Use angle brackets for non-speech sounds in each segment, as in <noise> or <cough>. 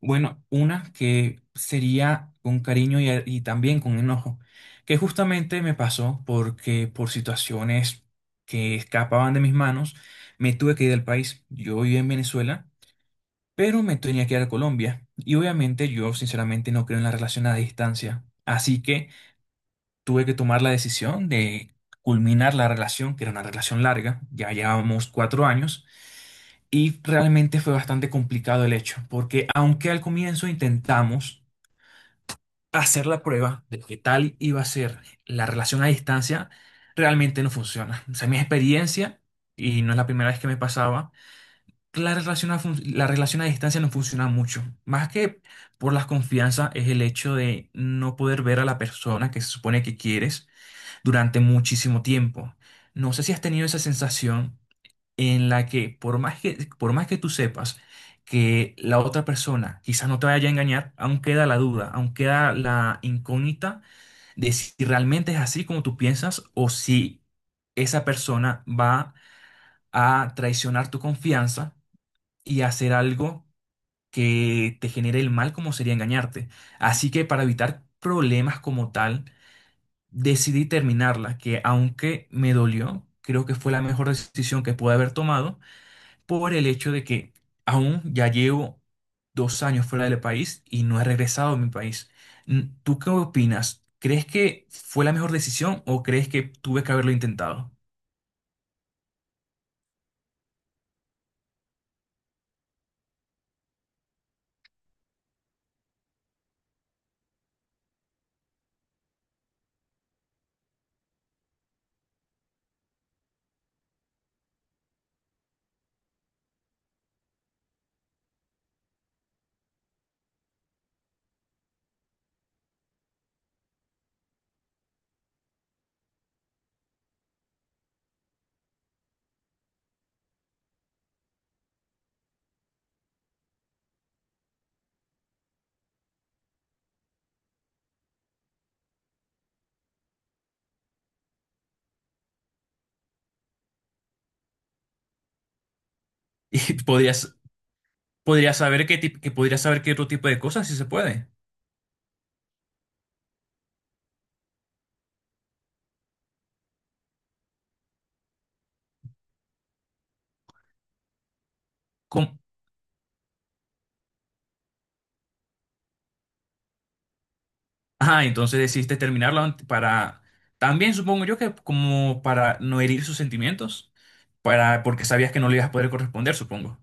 Bueno, una que sería con cariño y también con enojo, que justamente me pasó porque por situaciones que escapaban de mis manos, me tuve que ir del país. Yo vivía en Venezuela, pero me tenía que ir a Colombia. Y obviamente yo sinceramente no creo en la relación a distancia. Así que tuve que tomar la decisión de culminar la relación, que era una relación larga, ya llevábamos 4 años, y realmente fue bastante complicado el hecho, porque aunque al comienzo intentamos hacer la prueba de qué tal iba a ser la relación a distancia realmente no funciona. O sea, mi experiencia, y no es la primera vez que me pasaba, que la relación a distancia no funciona mucho. Más que por las confianzas es el hecho de no poder ver a la persona que se supone que quieres durante muchísimo tiempo. No sé si has tenido esa sensación en la que por más que tú sepas que la otra persona quizás no te vaya a engañar, aún queda la duda, aún queda la incógnita de si realmente es así como tú piensas o si esa persona va a traicionar tu confianza y hacer algo que te genere el mal como sería engañarte. Así que para evitar problemas como tal, decidí terminarla, que aunque me dolió, creo que fue la mejor decisión que pude haber tomado por el hecho de que aún ya llevo 2 años fuera del país y no he regresado a mi país. Mm, ¿tú qué opinas? ¿Crees que fue la mejor decisión o crees que tuve que haberlo intentado? <laughs> Y podrías, podrías saber qué tip- que podrías saber qué otro tipo de cosas si se puede. ¿Cómo? Entonces decidiste para también supongo yo que como para no herir sus sentimientos, para porque sabías que no le ibas a poder corresponder, supongo.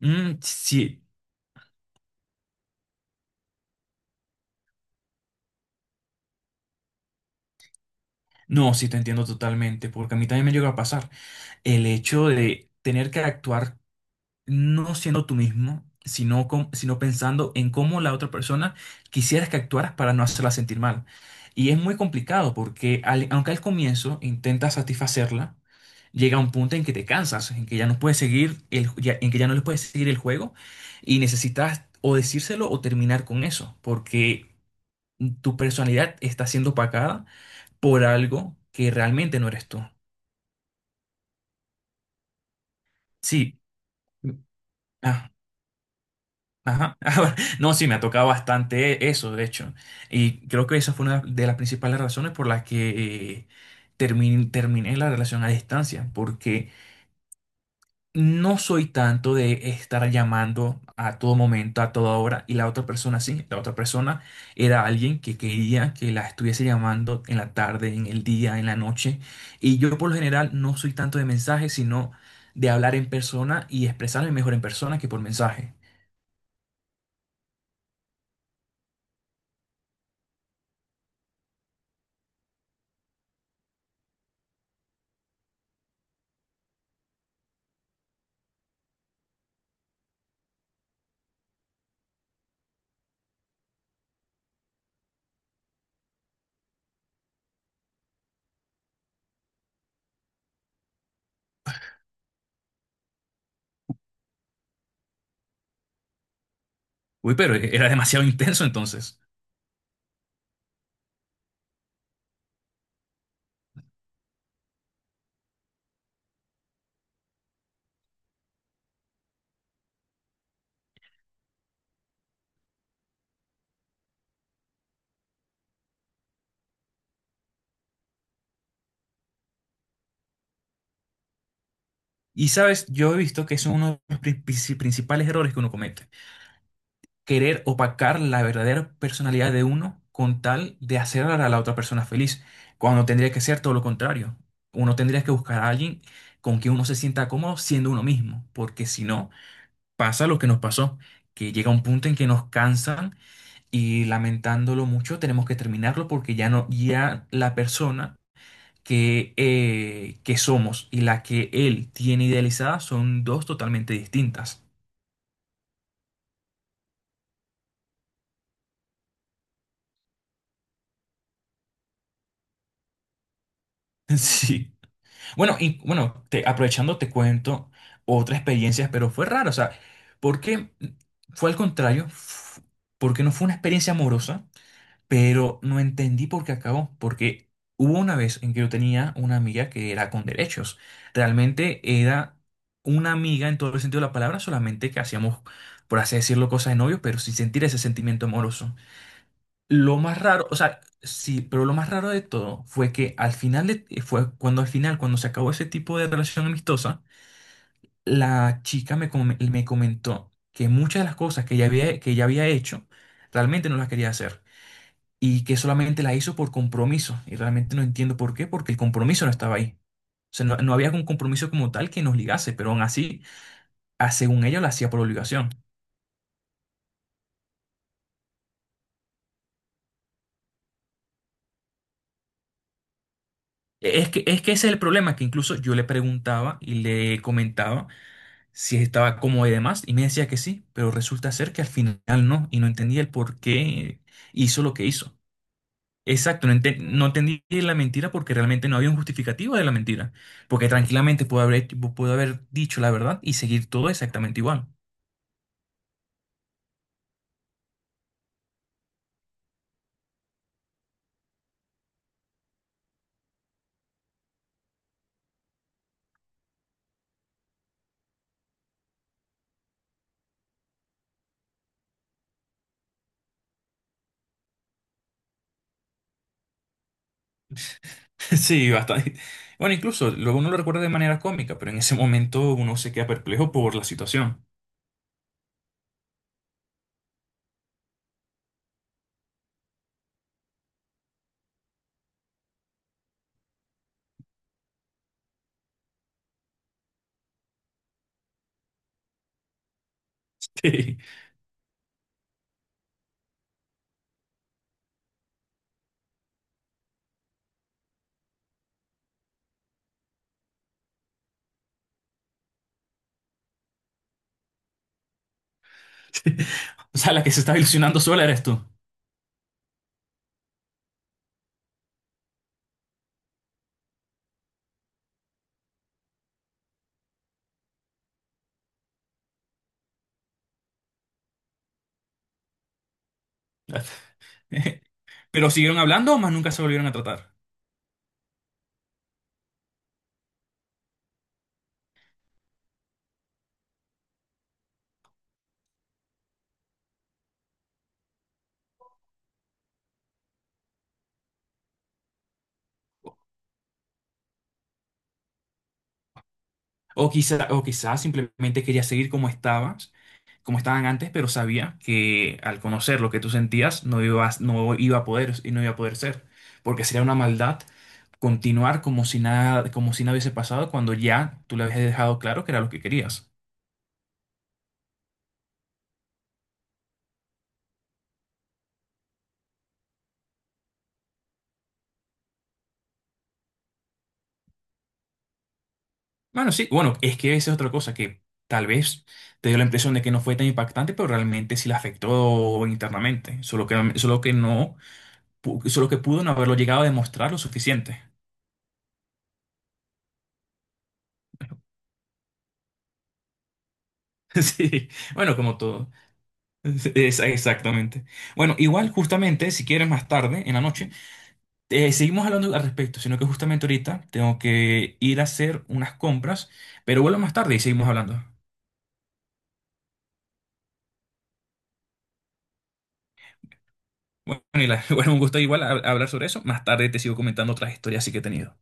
Mm, sí. No, sí te entiendo totalmente, porque a mí también me llegó a pasar. El hecho de tener que actuar no siendo tú mismo, sino pensando en cómo la otra persona quisieras que actuaras para no hacerla sentir mal. Y es muy complicado porque aunque al comienzo intentas satisfacerla, llega un punto en que te cansas, en que ya no le puedes seguir el juego y necesitas o decírselo o terminar con eso, porque tu personalidad está siendo opacada por algo que realmente no eres tú. Sí. ah Ajá. <laughs> No, sí, me ha tocado bastante eso, de hecho. Y creo que esa fue una de las principales razones por las que terminé la relación a distancia, porque no soy tanto de estar llamando a todo momento, a toda hora, y la otra persona sí, la otra persona era alguien que quería que la estuviese llamando en la tarde, en el día, en la noche, y yo por lo general no soy tanto de mensajes, sino de hablar en persona y expresarme mejor en persona que por mensaje. Uy, pero era demasiado <laughs> intenso entonces. Y sabes, yo he visto que es uno de los principales errores que uno comete. Querer opacar la verdadera personalidad de uno con tal de hacer a la otra persona feliz, cuando tendría que ser todo lo contrario. Uno tendría que buscar a alguien con quien uno se sienta cómodo siendo uno mismo, porque si no, pasa lo que nos pasó, que llega un punto en que nos cansan y lamentándolo mucho tenemos que terminarlo porque ya no, ya la persona que somos y la que él tiene idealizada son dos totalmente distintas. <laughs> Sí. Bueno, y bueno, aprovechando te cuento otra experiencia, pero fue rara, o sea, porque fue al contrario, porque no fue una experiencia amorosa, pero no entendí por qué acabó, porque hubo una vez en que yo tenía una amiga que era con derechos, realmente era una amiga en todo el sentido de la palabra, solamente que hacíamos, por así decirlo, cosas de novio, pero sin sentir ese sentimiento amoroso. Lo más raro, o sea, sí, pero lo más raro de todo fue que al final, fue cuando al final, cuando se acabó ese tipo de relación amistosa, la chica me, me comentó que muchas de las cosas que que ella había hecho, realmente no las quería hacer y que solamente la hizo por compromiso. Y realmente no entiendo por qué, porque el compromiso no estaba ahí. O sea, no, no había un compromiso como tal que nos ligase, pero aún así, ah, según ella, lo hacía por obligación. Es que ese es el problema, que incluso yo le preguntaba y le comentaba si estaba cómoda y demás, y me decía que sí, pero resulta ser que al final no, y no entendía el por qué hizo lo que hizo. Exacto, no, no entendí la mentira porque realmente no había un justificativo de la mentira, porque tranquilamente pudo haber dicho la verdad y seguir todo exactamente igual. <laughs> Sí, bastante. Bueno, incluso luego uno lo recuerda de manera cómica, pero en ese momento uno se queda perplejo por la situación. <laughs> Sí, sí. O sea, la que se estaba ilusionando sola eres tú. <laughs> Pero siguieron hablando, más nunca se volvieron a tratar. O quizá, o quizás simplemente quería seguir como estabas, como estaban antes, pero sabía que al conocer lo que tú sentías no iba a poder y no iba a poder ser, porque sería una maldad continuar como si nada hubiese pasado cuando ya tú le habías dejado claro que era lo que querías. Bueno, sí, bueno, es que esa es otra cosa que tal vez te dio la impresión de que no fue tan impactante, pero realmente sí la afectó internamente, solo que no, solo que pudo no haberlo llegado a demostrar lo suficiente. <laughs> Sí, bueno, como todo. Exactamente. Bueno, igual justamente, si quieres más tarde, en la noche, seguimos hablando al respecto, sino que justamente ahorita tengo que ir a hacer unas compras, pero vuelvo más tarde y seguimos hablando. Bueno, <laughs> bueno, un gusto igual hablar sobre eso. Más tarde te sigo comentando otras historias sí que he tenido.